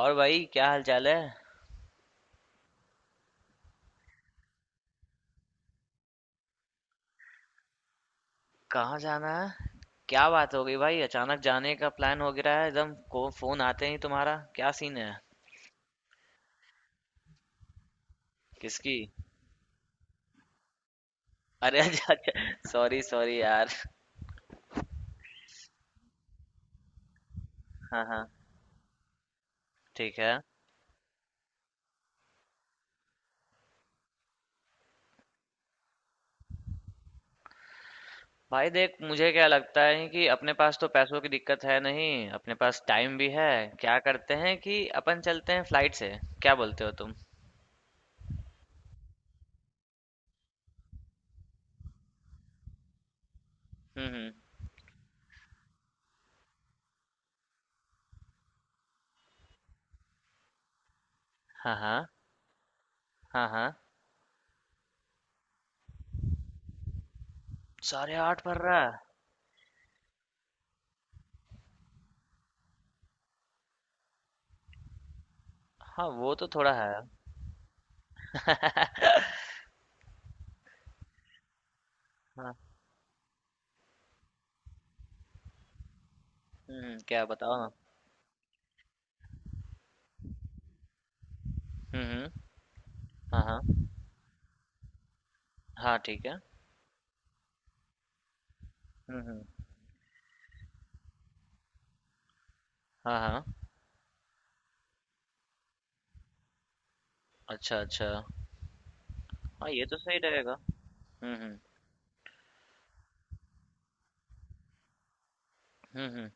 और भाई, क्या हाल चाल है? कहाँ जाना है? क्या बात हो गई भाई? अचानक जाने का प्लान हो गिरा है एकदम को, फोन आते ही। तुम्हारा क्या सीन है? किसकी? अरे अच्छा, अच्छा। सॉरी, सॉरी यार। हाँ, हाँ। ठीक है। भाई देख, मुझे क्या लगता है कि अपने पास तो पैसों की दिक्कत है नहीं। अपने पास टाइम भी है। क्या करते हैं कि अपन चलते हैं फ्लाइट से। क्या बोलते हो तुम? हम्म, हम्म। हाँ, हाँ, हाँ, हाँ। साढ़े आठ पड़ रहा है? हाँ, वो तो थोड़ा है। हाँ। हम्म, क्या बताओ ना। हम्म, हम्म। हाँ, हाँ। हाँ, ठीक है। हुँ, हुँ। हाँ, हाँ। अच्छा, अच्छा। हाँ, ये तो सही रहेगा। हुँ, हुँ। हुँ, हुँ।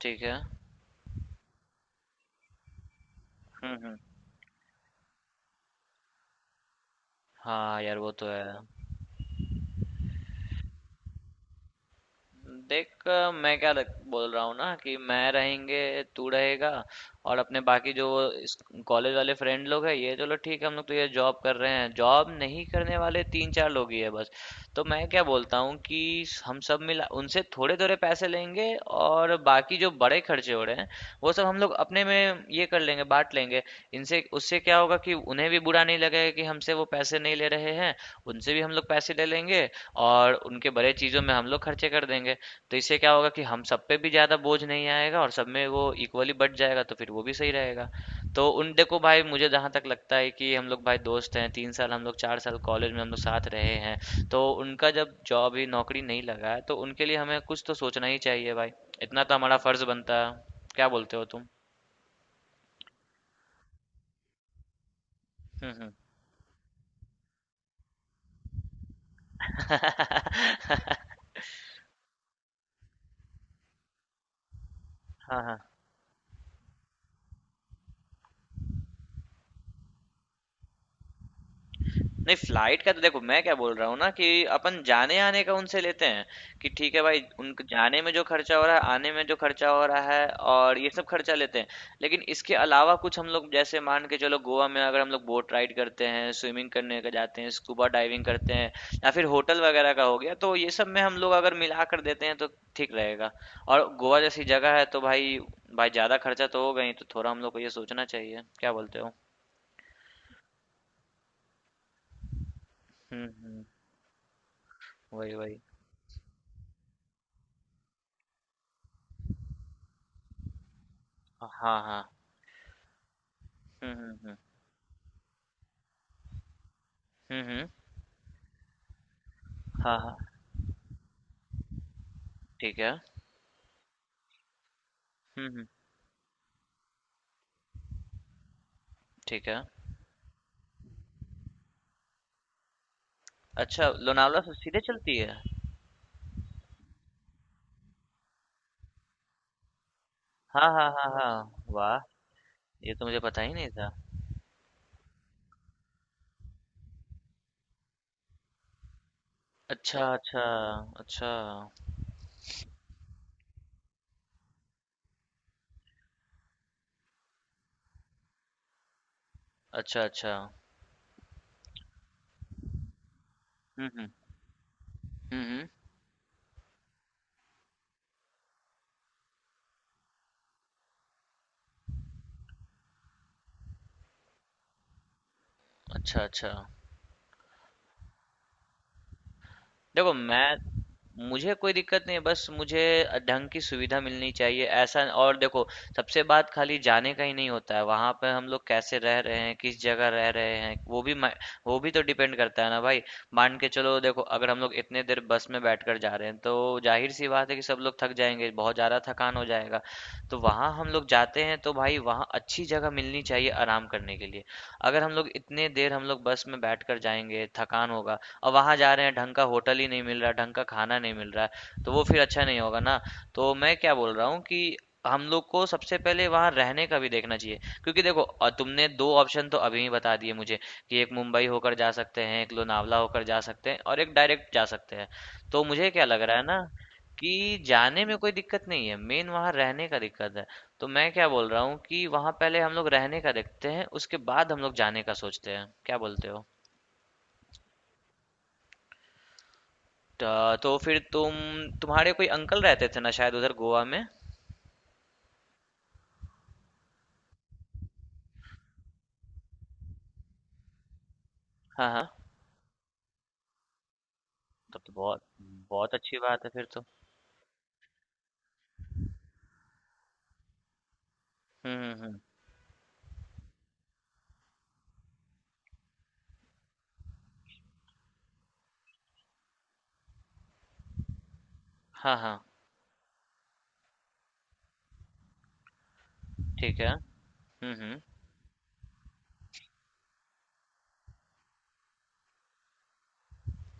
ठीक है। हुँ, हुँ। हाँ, यार वो तो है। देख, मैं बोल रहा हूँ ना कि मैं रहेंगे तू रहेगा। और अपने बाकी जो कॉलेज वाले फ्रेंड लोग हैं, ये चलो ठीक है, हम लोग तो ये जॉब कर रहे हैं, जॉब नहीं करने वाले तीन चार लोग ही है बस। तो मैं क्या बोलता हूँ कि हम सब मिला उनसे थोड़े थोड़े पैसे लेंगे, और बाकी जो बड़े खर्चे हो रहे हैं वो सब हम लोग अपने में ये कर लेंगे, बांट लेंगे। इनसे उससे क्या होगा कि उन्हें भी बुरा नहीं लगेगा कि हमसे वो पैसे नहीं ले रहे हैं, उनसे भी हम लोग पैसे ले लेंगे और उनके बड़े चीज़ों में हम लोग खर्चे कर देंगे। तो इससे क्या होगा कि हम सब पे भी ज़्यादा बोझ नहीं आएगा और सब में वो इक्वली बँट जाएगा, तो फिर वो भी सही रहेगा। तो उन देखो भाई, मुझे जहाँ तक लगता है कि हम लोग भाई दोस्त हैं, 3 साल हम लोग, 4 साल कॉलेज में हम लोग साथ रहे हैं। तो उनका जब जॉब ही, नौकरी नहीं लगा है, तो उनके लिए हमें कुछ तो सोचना ही चाहिए भाई। इतना तो हमारा फर्ज़ बनता है। क्या बोलते हो तुम? हुँ, हुँ। हाँ, हाँ। नहीं, फ्लाइट का तो देखो, मैं क्या बोल रहा हूँ ना कि अपन जाने आने का उनसे लेते हैं कि ठीक है भाई, उनको जाने में जो खर्चा हो रहा है, आने में जो खर्चा हो रहा है, और ये सब खर्चा लेते हैं। लेकिन इसके अलावा कुछ हम लोग जैसे मान के चलो, गोवा में अगर हम लोग बोट राइड करते हैं, स्विमिंग करने का जाते हैं, स्कूबा डाइविंग करते हैं या फिर होटल वगैरह का हो गया, तो ये सब में हम लोग अगर मिला कर देते हैं तो ठीक रहेगा। और गोवा जैसी जगह है तो भाई, ज्यादा खर्चा तो होगा ही, तो थोड़ा हम लोग को ये सोचना चाहिए। क्या बोलते हो? हम्म, हम्म। वही, वही। हाँ, हाँ। हुँ, हुँ, हुँ। हुँ, हुँ। हाँ, हाँ। ठीक है। हुँ, हुँ। ठीक है। अच्छा, लोनावला से सीधे चलती है? हाँ, हाँ, हाँ, हाँ। वाह! ये तो मुझे पता ही नहीं था। अच्छा, अच्छा। अच्छा। अच्छा, अच्छा। हुँ, हुँ। हुँ, हुँ। अच्छा, अच्छा। देखो, मैं मुझे कोई दिक्कत नहीं है, बस मुझे ढंग की सुविधा मिलनी चाहिए ऐसा। और देखो, सबसे बात खाली जाने का ही नहीं होता है, वहां पे हम लोग कैसे रह रहे हैं, किस जगह रह रहे हैं, वो भी वो भी तो डिपेंड करता है ना भाई। मान के चलो देखो, अगर हम लोग इतने देर बस में बैठकर जा रहे हैं तो जाहिर सी बात है कि सब लोग थक जाएंगे, बहुत ज्यादा थकान हो जाएगा। तो वहां हम लोग जाते हैं तो भाई, वहाँ अच्छी जगह मिलनी चाहिए आराम करने के लिए। अगर हम लोग इतने देर हम लोग बस में बैठकर जाएंगे, थकान होगा, और वहाँ जा रहे हैं, ढंग का होटल ही नहीं मिल रहा है, ढंग का खाना नहीं मिल रहा है, तो वो फिर अच्छा नहीं होगा ना। तो मैं क्या बोल रहा हूँ कि हम लोग को सबसे पहले वहाँ रहने का भी देखना चाहिए। क्योंकि देखो तुमने दो ऑप्शन तो अभी ही बता दिए मुझे कि एक मुंबई होकर जा सकते हैं, एक लोनावला होकर जा सकते हैं, और एक डायरेक्ट जा सकते हैं। तो मुझे क्या लग रहा है ना कि जाने में कोई दिक्कत नहीं है, मेन वहाँ रहने का दिक्कत है। तो मैं क्या बोल रहा हूँ कि वहाँ पहले हम लोग रहने का देखते हैं, उसके बाद हम लोग जाने का सोचते हैं। क्या बोलते हो? तो फिर तुम, तुम्हारे कोई अंकल रहते थे ना शायद उधर गोवा में। हाँ, हाँ। तब तो बहुत बहुत अच्छी बात है फिर तो। हम्म, हम्म, हम्म। हाँ, हाँ। ठीक है। हम्म, हम्म।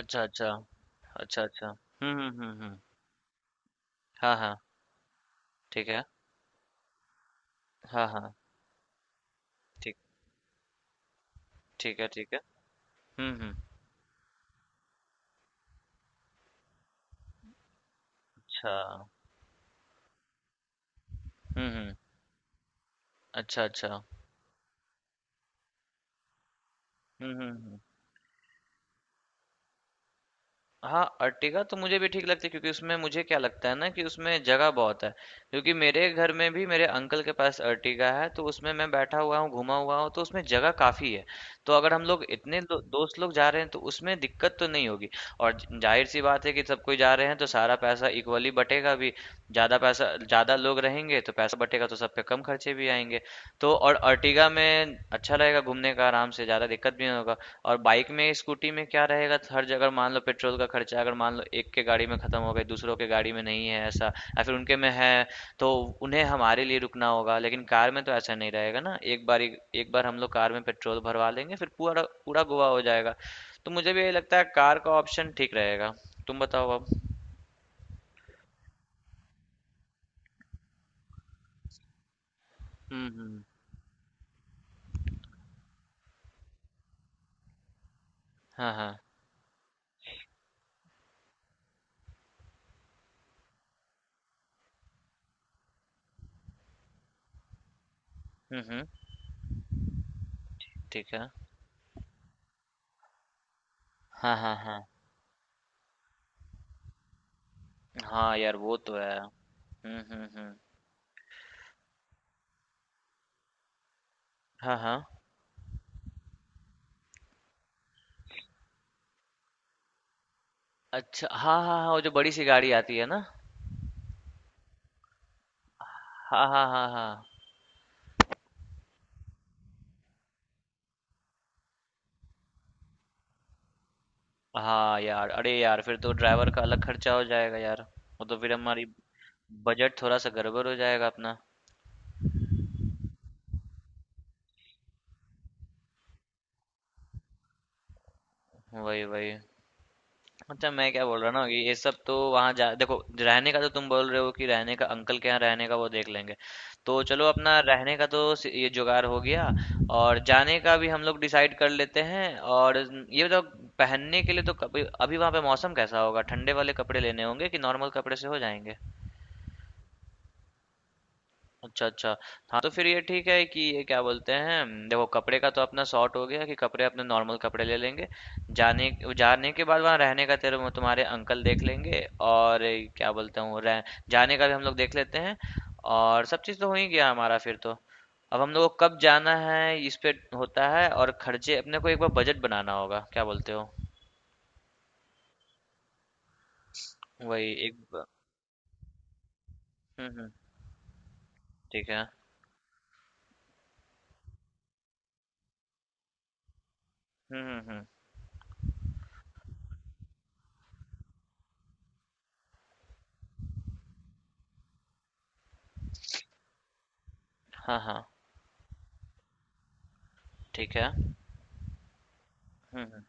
अच्छा, अच्छा। अच्छा, अच्छा। हम्म, हम्म, हम्म, हम्म। हाँ, हाँ। ठीक है। हाँ, हाँ। ठीक ठीक है, ठीक है। हम्म, हम्म। अच्छा। हम्म, हम्म। अच्छा, अच्छा। हम्म, हम्म, हम्म। हाँ, अर्टिगा तो मुझे भी ठीक लगती है, क्योंकि उसमें मुझे क्या लगता है ना कि उसमें जगह बहुत है। क्योंकि मेरे घर में भी, मेरे अंकल के पास अर्टिगा है, तो उसमें मैं बैठा हुआ हूँ, घुमा हुआ हूँ, तो उसमें जगह काफी है। तो अगर हम लोग इतने दोस्त लोग जा रहे हैं तो उसमें दिक्कत तो नहीं होगी। और जाहिर सी बात है कि सब कोई जा रहे हैं, तो सारा पैसा इक्वली बटेगा भी। ज्यादा पैसा, ज्यादा लोग रहेंगे तो पैसा बटेगा, तो सब पे कम खर्चे भी आएंगे। तो और अर्टिगा में अच्छा रहेगा, घूमने का आराम से, ज्यादा दिक्कत भी नहीं होगा। और बाइक में, स्कूटी में क्या रहेगा, तो हर जगह मान लो पेट्रोल का खर्चा अगर मान लो एक के गाड़ी में खत्म हो गई, दूसरों के गाड़ी में नहीं है ऐसा, या फिर उनके में है, तो उन्हें हमारे लिए रुकना होगा। लेकिन कार में तो ऐसा नहीं रहेगा ना, एक बार हम लोग कार में पेट्रोल भरवा लेंगे, फिर पूरा पूरा गोवा हो जाएगा। तो मुझे भी यही लगता है, कार का ऑप्शन ठीक रहेगा। तुम बताओ अब। हम्म, हम्म। हाँ, हाँ। हम्म, हम्म। ठीक है। हाँ, हाँ, हाँ, हाँ, यार वो तो है। हम्म, हम्म, हम्म। हाँ, हाँ। अच्छा, हाँ, हाँ, हाँ, वो जो बड़ी सी गाड़ी आती है ना। हाँ, हाँ, हाँ, हाँ। हाँ यार, अरे यार, फिर तो ड्राइवर का अलग खर्चा हो जाएगा यार। वो तो फिर हमारी बजट थोड़ा सा गड़बड़ हो जाएगा अपना। वही, वही। अच्छा, मैं क्या बोल रहा ना, ये सब तो वहाँ जा, देखो रहने का तो तुम बोल रहे हो कि रहने का अंकल के यहाँ रहने का वो देख लेंगे। तो चलो अपना रहने का तो ये जुगाड़ हो गया। और जाने का भी हम लोग डिसाइड कर लेते हैं। और ये बताओ, पहनने के लिए तो कभी अभी वहाँ पे मौसम कैसा होगा? ठंडे वाले कपड़े लेने होंगे कि नॉर्मल कपड़े से हो जाएंगे? अच्छा, अच्छा। हाँ, तो फिर ये ठीक है कि, ये क्या बोलते हैं, देखो कपड़े का तो अपना सॉर्ट हो गया, कि कपड़े अपने नॉर्मल कपड़े ले लेंगे। जाने जाने के बाद वहाँ रहने का तेरे वो तुम्हारे अंकल देख लेंगे, और ये क्या बोलते हैं, वो रह जाने का भी हम लोग देख लेते हैं, और सब चीज़ तो हो ही गया हमारा फिर तो। अब हम लोगों को कब जाना है, इस पे होता है, और खर्चे अपने को एक बार बजट बनाना होगा। क्या बोलते हो? वही, एक हम्म, हम्म। ठीक है। हम्म, हम्म, हम्म। हाँ, हाँ। ठीक है। हम्म, हम्म,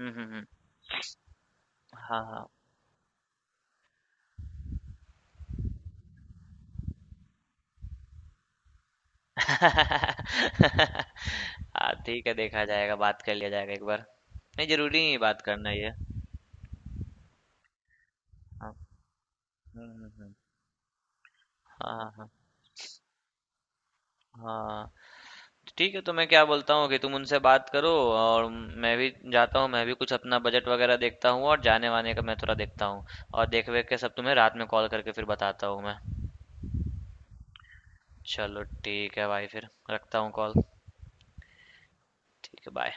हम्म, हम्म, हम्म। हाँ, हाँ। हाँ, ठीक है, देखा जाएगा, बात कर लिया जाएगा एक बार। नहीं, जरूरी नहीं है बात करना ये। हाँ। हम्म, हम्म, हम्म। हाँ, हाँ, हाँ। ठीक है, तो मैं क्या बोलता हूँ कि तुम उनसे बात करो, और मैं भी जाता हूँ, मैं भी कुछ अपना बजट वगैरह देखता हूँ, और जाने वाने का मैं थोड़ा देखता हूँ, और देख वेख के सब तुम्हें रात में कॉल करके फिर बताता हूँ मैं। चलो ठीक है भाई, फिर रखता हूँ कॉल। ठीक है, बाय।